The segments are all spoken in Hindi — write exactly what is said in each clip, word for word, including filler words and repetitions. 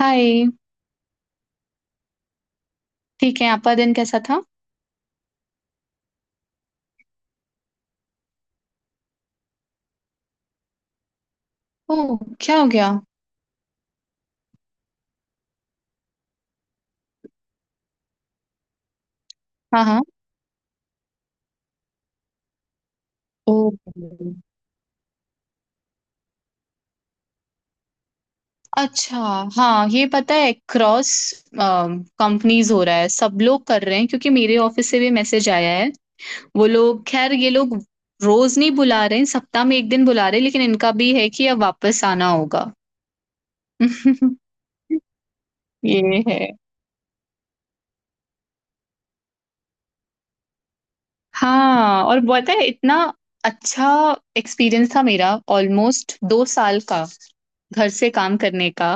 हाय। ठीक है, आपका दिन कैसा था? ओह, क्या हो गया? हाँ हाँ। ओ, अच्छा। हाँ, ये पता है, क्रॉस कंपनीज हो रहा है, सब लोग कर रहे हैं, क्योंकि मेरे ऑफिस से भी मैसेज आया है। वो लोग खैर, ये लोग रोज नहीं बुला रहे हैं, सप्ताह में एक दिन बुला रहे हैं, लेकिन इनका भी है कि अब वापस आना होगा। ये है। हाँ और पता है, इतना अच्छा एक्सपीरियंस था मेरा, ऑलमोस्ट दो साल का, घर से काम करने का।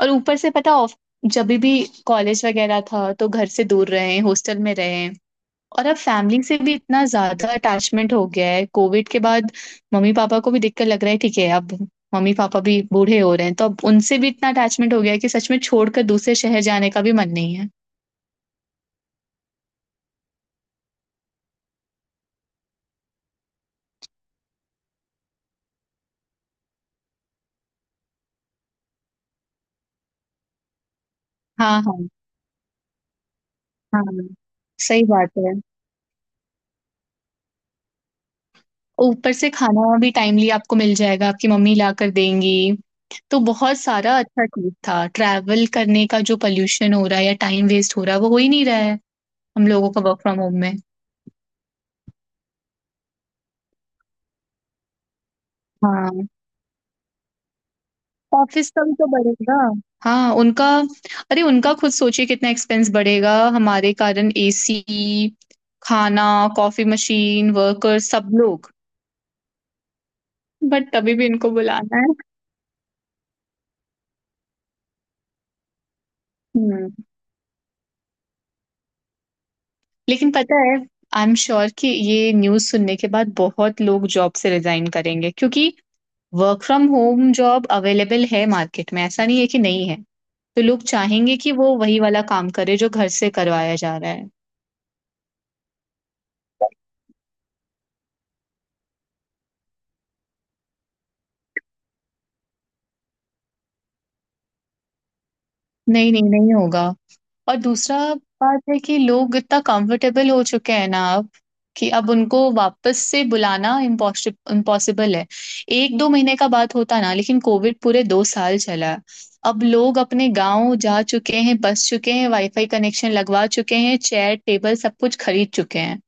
और ऊपर से पता ऑफ, जब भी कॉलेज वगैरह था तो घर से दूर रहे, हॉस्टल में रहे। और अब फैमिली से भी इतना ज्यादा अटैचमेंट हो गया है कोविड के बाद। मम्मी पापा को भी देखकर लग रहा है, ठीक है अब, मम्मी पापा भी बूढ़े हो रहे हैं, तो अब उनसे भी इतना अटैचमेंट हो गया है कि सच में छोड़कर दूसरे शहर जाने का भी मन नहीं है। हाँ हाँ। हाँ सही बात है। ऊपर से खाना भी टाइमली आपको मिल जाएगा, आपकी मम्मी ला कर देंगी। तो बहुत सारा अच्छा चीज़ था। ट्रैवल करने का जो पॉल्यूशन हो रहा है या टाइम वेस्ट हो रहा है, वो हो ही नहीं रहा है, हम लोगों का वर्क फ्रॉम होम में। हाँ, ऑफ़िस का भी तो बढ़ेगा। हाँ, उनका, अरे उनका खुद सोचिए कितना एक्सपेंस बढ़ेगा हमारे कारण, एसी, खाना, कॉफ़ी मशीन, वर्कर्स सब लोग। बट तभी भी इनको बुलाना है। हुँ, लेकिन पता है, आई एम श्योर कि ये न्यूज़ सुनने के बाद बहुत लोग जॉब से रिज़ाइन करेंगे, क्योंकि work from home job available है मार्केट में, ऐसा नहीं है कि नहीं है। तो लोग चाहेंगे कि वो वही वाला काम करे जो घर से करवाया जा रहा है। नहीं नहीं, नहीं होगा। और दूसरा बात है कि लोग इतना कंफर्टेबल हो चुके हैं ना अब, कि अब उनको वापस से बुलाना इम्पॉसिबल इम्पॉसिबल है। एक दो महीने का बात होता ना, लेकिन कोविड पूरे दो साल चला। अब लोग अपने गांव जा चुके हैं, बस चुके हैं, वाईफाई कनेक्शन लगवा चुके हैं, चेयर टेबल सब कुछ खरीद चुके हैं।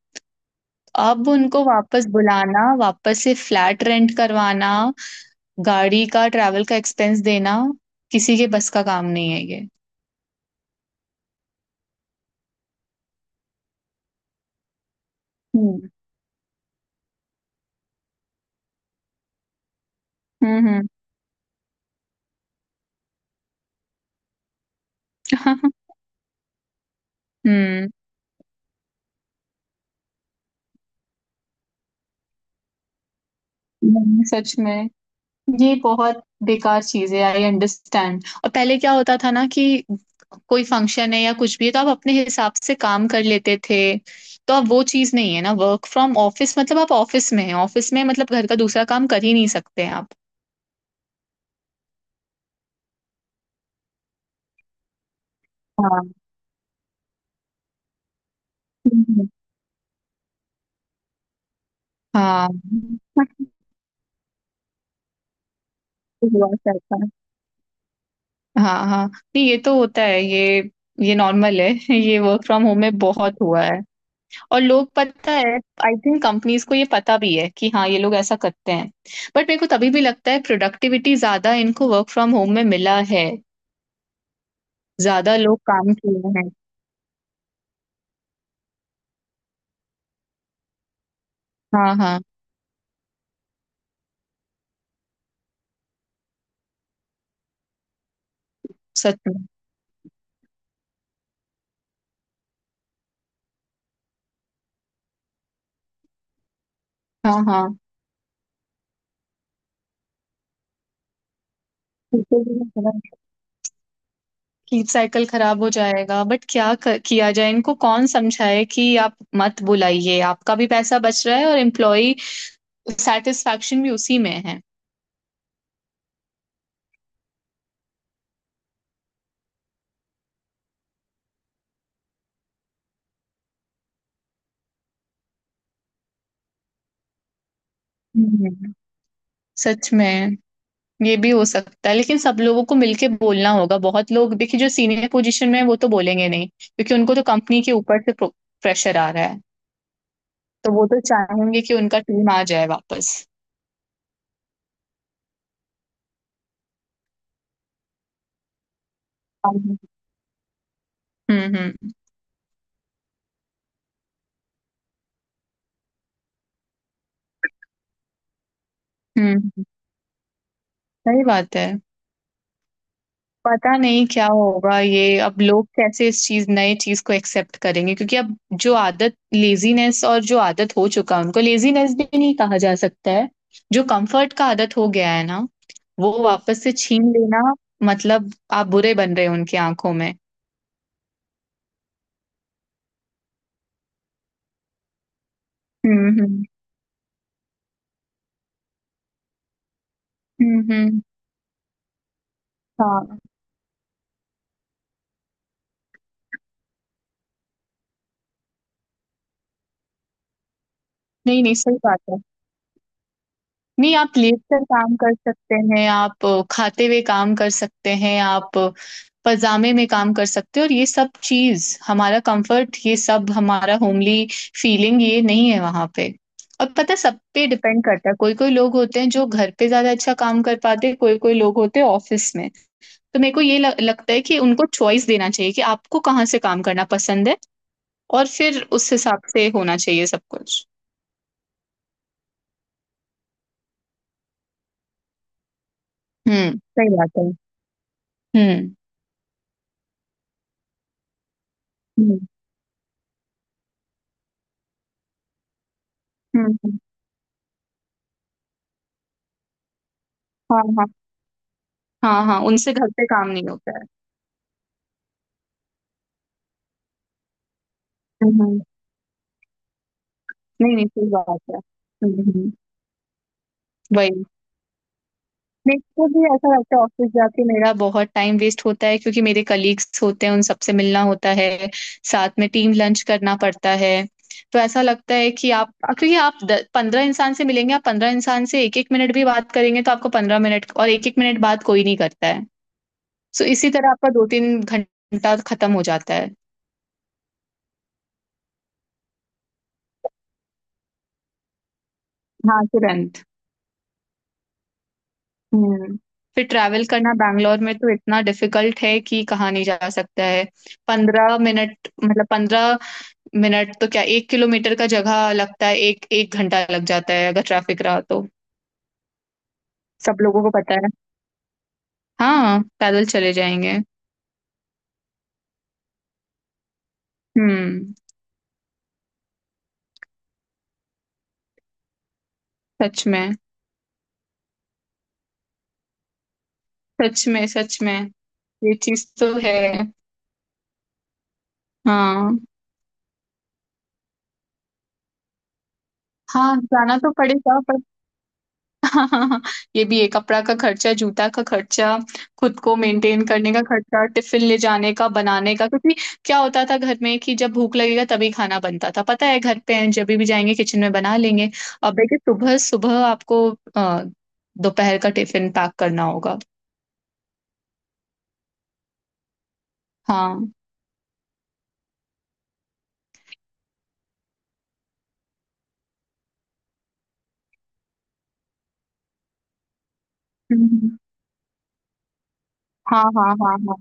अब उनको वापस बुलाना, वापस से फ्लैट रेंट करवाना, गाड़ी का ट्रैवल का एक्सपेंस देना, किसी के बस का काम नहीं है ये। हम्म। हम्म हम्म। हम्म, नहीं, सच में ये बहुत बेकार चीज है, आई अंडरस्टैंड। और पहले क्या होता था ना कि कोई फंक्शन है या कुछ भी है तो आप अपने हिसाब से काम कर लेते थे। तो अब वो चीज नहीं है ना, वर्क फ्रॉम ऑफिस मतलब आप ऑफिस में हैं, ऑफिस में मतलब घर का दूसरा काम कर ही नहीं सकते हैं आप। हाँ। हम्म, हाँ। हुआ करता है। हाँ हाँ, नहीं ये तो होता है ये ये नॉर्मल है। ये वर्क फ्रॉम होम में बहुत हुआ है। और लोग, पता है, आई थिंक कंपनीज को ये पता भी है कि हाँ, ये लोग ऐसा करते हैं। बट मेरे को तभी भी लगता है प्रोडक्टिविटी ज्यादा इनको वर्क फ्रॉम होम में मिला है, ज्यादा लोग काम किए हैं। हाँ हाँ। सच में। हाँ हाँ। कीप साइकिल खराब हो जाएगा, बट क्या कर, किया जाए, इनको कौन समझाए कि आप मत बुलाइए, आपका भी पैसा बच रहा है और एम्प्लॉय सेटिस्फैक्शन भी उसी में है। हम्म, सच में, ये भी हो सकता है, लेकिन सब लोगों को मिलके बोलना होगा। बहुत लोग देखिए जो सीनियर पोजीशन में है वो तो बोलेंगे नहीं, क्योंकि उनको तो कंपनी के ऊपर से प्रेशर आ रहा है। तो वो तो चाहेंगे कि उनका टीम आ जाए वापस। हाँ, हम्म हम्म। हम्म सही बात है। पता नहीं क्या होगा ये, अब लोग कैसे इस चीज, नए चीज को एक्सेप्ट करेंगे, क्योंकि अब जो आदत, लेजीनेस, और जो आदत हो चुका है, उनको लेजीनेस भी नहीं कहा जा सकता है, जो कंफर्ट का आदत हो गया है ना, वो वापस से छीन लेना, मतलब आप बुरे बन रहे हो उनकी आंखों में। हम्म हम्म। हम्म हम्म, हाँ। नहीं नहीं, सही बात है। नहीं, आप लेट कर काम कर सकते हैं, आप अ, खाते हुए काम कर सकते हैं, आप अ, पजामे में काम कर सकते हैं, और ये सब चीज हमारा कंफर्ट, ये सब हमारा होमली फीलिंग, ये नहीं है वहां पे। और पता है, सब पे डिपेंड करता है, कोई कोई लोग होते हैं जो घर पे ज्यादा अच्छा काम कर पाते हैं, कोई कोई लोग होते हैं ऑफिस में। तो मेरे को ये ल- लगता है कि उनको चॉइस देना चाहिए कि आपको कहाँ से काम करना पसंद है, और फिर उस हिसाब से होना चाहिए सब कुछ। हम्म, सही बात है। हम्म हम्म। हम्म हम्म, हाँ हाँ। हाँ हाँ, उनसे घर पे काम नहीं होता है। हम्म। नहीं नहीं, सही बात है। हम्म। वही, मेरे को भी ऐसा लगता है, ऑफिस जाके मेरा बहुत टाइम वेस्ट होता है, क्योंकि मेरे कलीग्स होते हैं, उन सबसे मिलना होता है, साथ में टीम लंच करना पड़ता है। तो ऐसा लगता है कि आप, क्योंकि आप पंद्रह इंसान से मिलेंगे, आप पंद्रह इंसान से एक एक मिनट भी बात करेंगे तो आपको पंद्रह मिनट, और एक एक मिनट बात कोई नहीं करता है। सो इसी तरह आपका दो तीन घंटा खत्म हो जाता है। हाँ, तुरंत। हम्म। फिर ट्रैवल करना बैंगलोर में तो इतना डिफिकल्ट है कि कहाँ नहीं जा सकता है। पंद्रह मिनट, मतलब पंद्रह मिनट तो क्या, एक किलोमीटर का जगह लगता है एक एक घंटा लग जाता है, अगर ट्रैफिक रहा तो। सब लोगों को पता है। हाँ, पैदल चले जाएंगे। हम्म। सच में, सच में सच में, ये चीज तो है। हाँ हाँ, जाना तो पड़ेगा। हाँ, ये भी है, कपड़ा का खर्चा, जूता का खर्चा, खुद को मेंटेन करने का खर्चा, टिफिन ले जाने का, बनाने का, क्योंकि क्या होता था घर में कि जब भूख लगेगा तभी खाना बनता था, पता है घर पे हैं जब भी जाएंगे किचन में बना लेंगे। अब देखिए सुबह सुबह आपको अ, दोपहर का टिफिन पैक करना होगा। हाँ। हम्म, हाँ हाँ हाँ हाँ।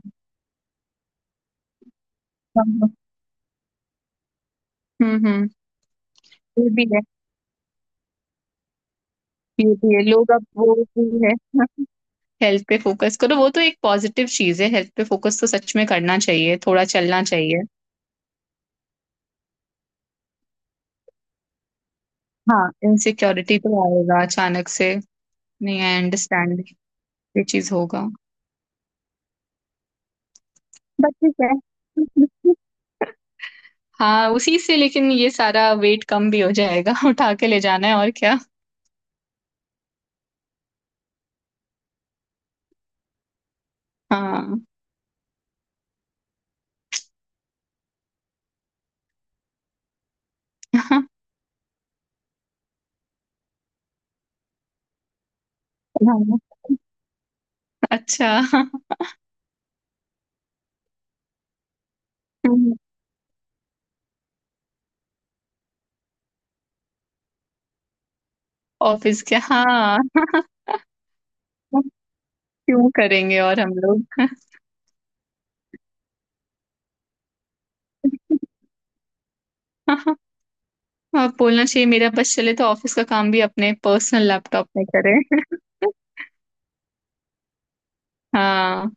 हाँ, हाँ। हम्म हम्म। ये भी है। ये भी है, लोग अब, वो भी है, हेल्थ पे फोकस करो, वो तो एक पॉजिटिव चीज है, हेल्थ पे फोकस तो सच में करना चाहिए, थोड़ा चलना चाहिए। हाँ, इनसिक्योरिटी तो आएगा अचानक से। नहीं, आई अंडरस्टैंड, ये चीज होगा, बट ठीक है। हाँ, उसी से, लेकिन ये सारा वेट कम भी हो जाएगा। उठा के ले जाना है और क्या। हाँ। हाँ, अच्छा। ऑफिस क्या, हाँ। क्यों करेंगे, और हम लोग। हाँ, बोलना चाहिए, मेरा बस चले तो ऑफिस का काम भी अपने पर्सनल लैपटॉप में करें। हाँ।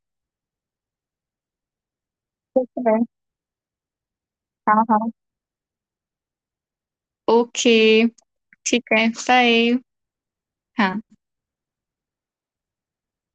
ठीक है। हाँ हाँ। ओके, ठीक है, बाय। हाँ।